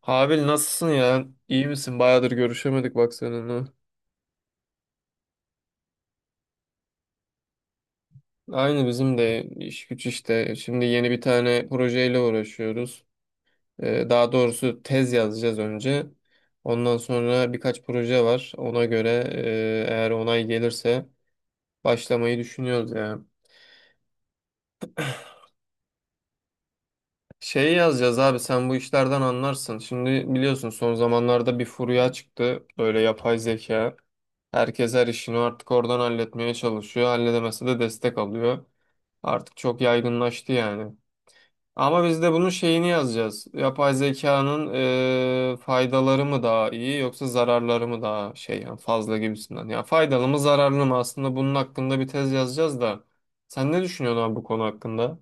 Habil nasılsın ya? İyi misin? Bayağıdır görüşemedik bak seninle. Aynı bizim de iş güç işte. Şimdi yeni bir tane projeyle uğraşıyoruz. Daha doğrusu tez yazacağız önce. Ondan sonra birkaç proje var. Ona göre eğer onay gelirse başlamayı düşünüyoruz ya. Şey yazacağız abi sen bu işlerden anlarsın. Şimdi biliyorsun son zamanlarda bir furya çıktı. Böyle yapay zeka. Herkes her işini artık oradan halletmeye çalışıyor. Halledemese de destek alıyor. Artık çok yaygınlaştı yani. Ama biz de bunun şeyini yazacağız. Yapay zekanın faydaları mı daha iyi yoksa zararları mı daha şey yani fazla gibisinden. Ya faydalı mı zararlı mı aslında bunun hakkında bir tez yazacağız da. Sen ne düşünüyorsun abi bu konu hakkında?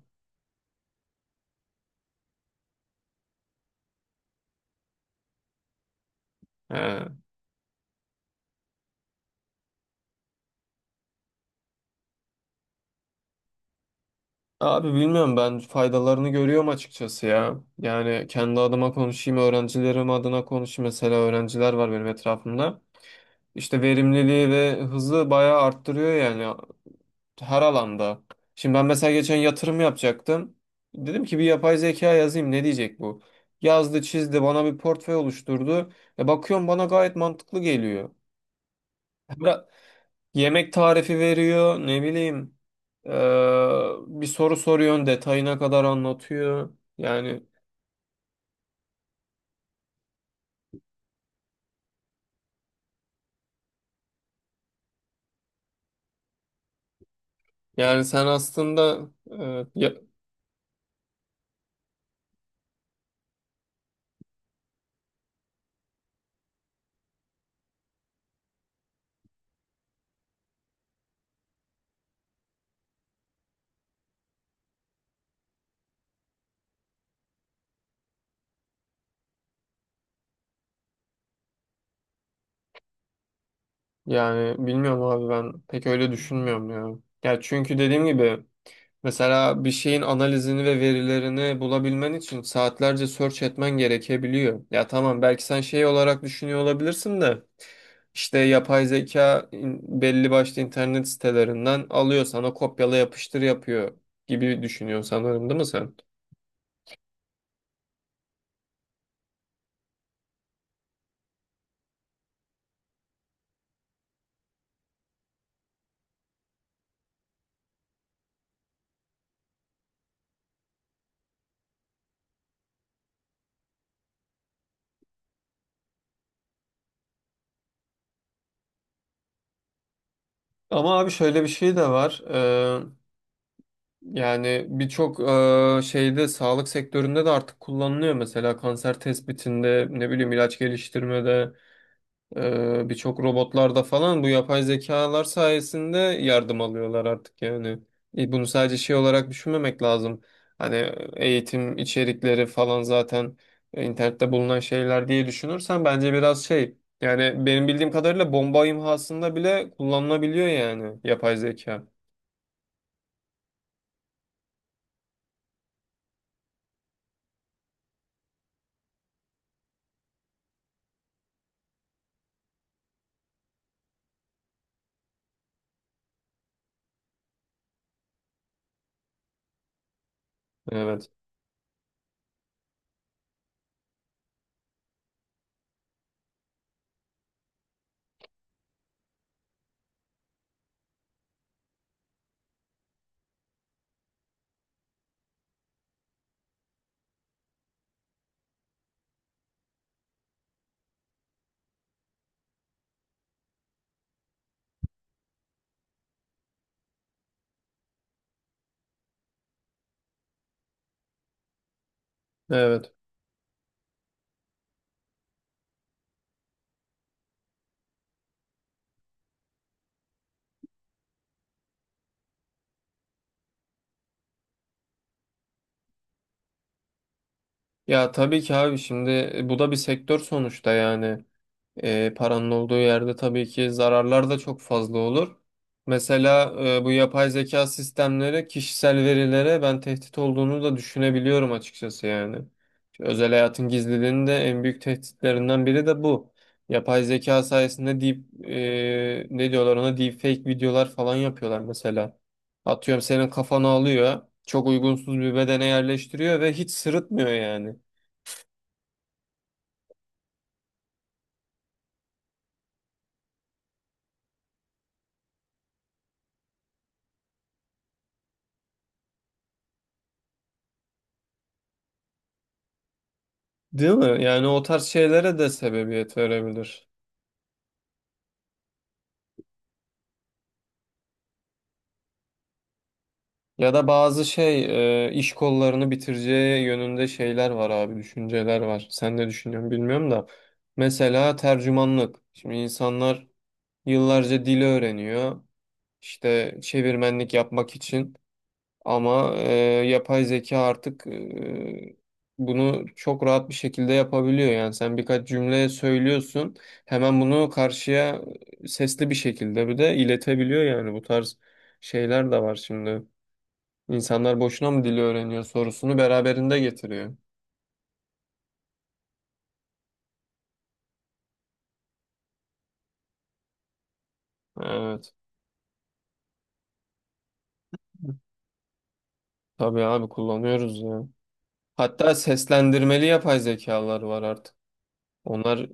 He. Abi bilmiyorum ben faydalarını görüyorum açıkçası ya. Yani kendi adıma konuşayım, öğrencilerim adına konuşayım. Mesela öğrenciler var benim etrafımda. İşte verimliliği ve hızı bayağı arttırıyor yani. Her alanda. Şimdi ben mesela geçen yatırım yapacaktım. Dedim ki bir yapay zeka yazayım ne diyecek bu? Yazdı, çizdi, bana bir portföy oluşturdu. E bakıyorum bana gayet mantıklı geliyor. Bıra- Yemek tarifi veriyor, ne bileyim. Ee, Bir soru soruyorsun, detayına kadar anlatıyor. Yani yani sen aslında yani bilmiyorum abi ben pek öyle düşünmüyorum ya. Ya çünkü dediğim gibi mesela bir şeyin analizini ve verilerini bulabilmen için saatlerce search etmen gerekebiliyor. Ya tamam belki sen şey olarak düşünüyor olabilirsin de işte yapay zeka belli başlı internet sitelerinden alıyor sana kopyala yapıştır yapıyor gibi düşünüyorsun sanırım değil mi sen? Ama abi şöyle bir şey de var. Yani birçok şeyde sağlık sektöründe de artık kullanılıyor. Mesela kanser tespitinde ne bileyim ilaç geliştirmede. Birçok robotlarda falan bu yapay zekalar sayesinde yardım alıyorlar artık yani. Bunu sadece şey olarak düşünmemek lazım. Hani eğitim içerikleri falan zaten internette bulunan şeyler diye düşünürsen bence biraz şey. Yani benim bildiğim kadarıyla bomba imhasında bile kullanılabiliyor yani yapay zeka. Evet. Evet. Ya tabii ki abi şimdi bu da bir sektör sonuçta yani. Paranın olduğu yerde tabii ki zararlar da çok fazla olur. Mesela bu yapay zeka sistemleri kişisel verilere ben tehdit olduğunu da düşünebiliyorum açıkçası yani. Özel hayatın gizliliğinin de en büyük tehditlerinden biri de bu. Yapay zeka sayesinde ne diyorlar ona deepfake videolar falan yapıyorlar mesela. Atıyorum senin kafanı alıyor, çok uygunsuz bir bedene yerleştiriyor ve hiç sırıtmıyor yani. Değil mi? Yani o tarz şeylere de sebebiyet verebilir. Ya da bazı iş kollarını bitireceği yönünde şeyler var abi, düşünceler var. Sen ne düşünüyorsun bilmiyorum da. Mesela tercümanlık. Şimdi insanlar yıllarca dili öğreniyor. İşte çevirmenlik yapmak için. Ama yapay zeka artık bunu çok rahat bir şekilde yapabiliyor. Yani sen birkaç cümle söylüyorsun. Hemen bunu karşıya sesli bir şekilde bir de iletebiliyor yani bu tarz şeyler de var şimdi. İnsanlar boşuna mı dili öğreniyor sorusunu beraberinde getiriyor. Evet. Tabii abi kullanıyoruz ya. Hatta seslendirmeli yapay zekalar var artık. Onlar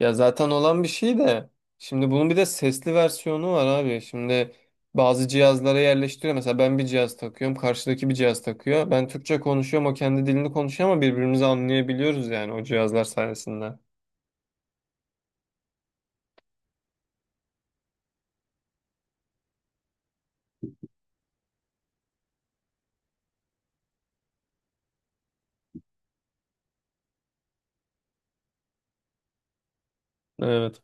ya zaten olan bir şey de şimdi bunun bir de sesli versiyonu var abi. Şimdi bazı cihazlara yerleştiriyor. Mesela ben bir cihaz takıyorum, karşıdaki bir cihaz takıyor. Ben Türkçe konuşuyorum, o kendi dilini konuşuyor ama birbirimizi anlayabiliyoruz yani o cihazlar sayesinde. Evet.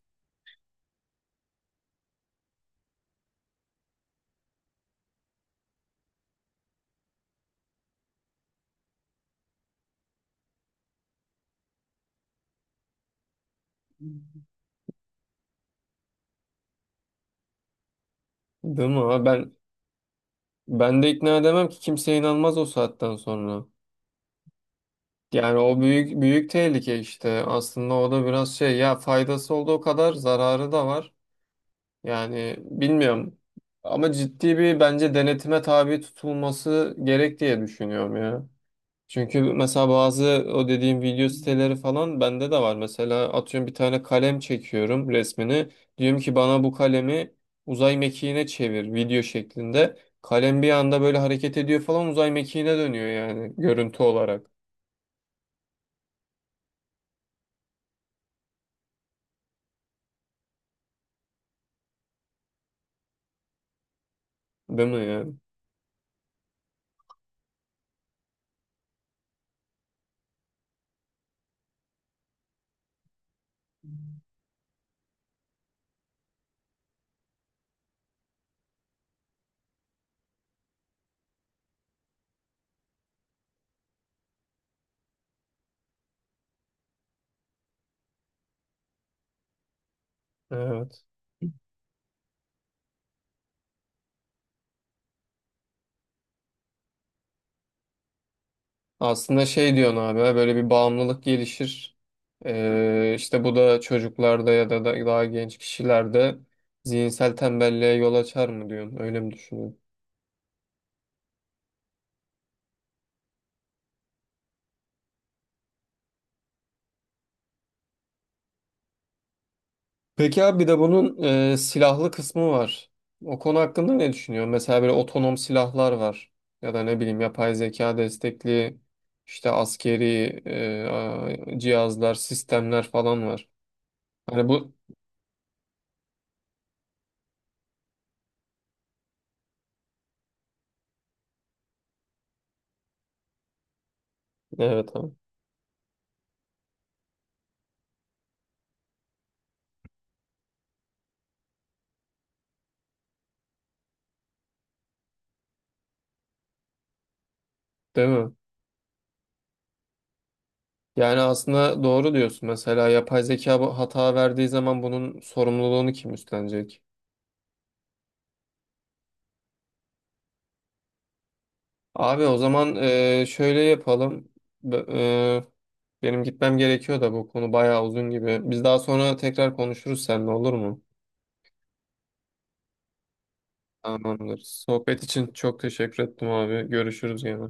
Değil mi abi? Ben ben de ikna edemem ki kimse inanmaz o saatten sonra. Yani o büyük büyük tehlike işte. Aslında o da biraz şey ya faydası olduğu kadar zararı da var. Yani bilmiyorum. Ama ciddi bir bence denetime tabi tutulması gerek diye düşünüyorum ya. Çünkü mesela bazı o dediğim video siteleri falan bende de var. Mesela atıyorum bir tane kalem çekiyorum resmini. Diyorum ki bana bu kalemi uzay mekiğine çevir video şeklinde. Kalem bir anda böyle hareket ediyor falan uzay mekiğine dönüyor yani görüntü olarak. Değil mi yani? Evet. Aslında şey diyorsun abi böyle bir bağımlılık gelişir. İşte bu da çocuklarda ya da daha genç kişilerde zihinsel tembelliğe yol açar mı diyorsun? Öyle mi düşünüyorsun? Peki abi bir de bunun silahlı kısmı var. O konu hakkında ne düşünüyorsun? Mesela böyle otonom silahlar var. Ya da ne bileyim yapay zeka destekli işte askeri e, cihazlar, sistemler falan var. Hani bu evet abi. Değil mi? Yani aslında doğru diyorsun. Mesela yapay zeka bu hata verdiği zaman bunun sorumluluğunu kim üstlenecek? Abi o zaman şöyle yapalım. B- e, Benim gitmem gerekiyor da bu konu bayağı uzun gibi. Biz daha sonra tekrar konuşuruz seninle olur mu? Tamamdır. Sohbet için çok teşekkür ettim abi. Görüşürüz yine.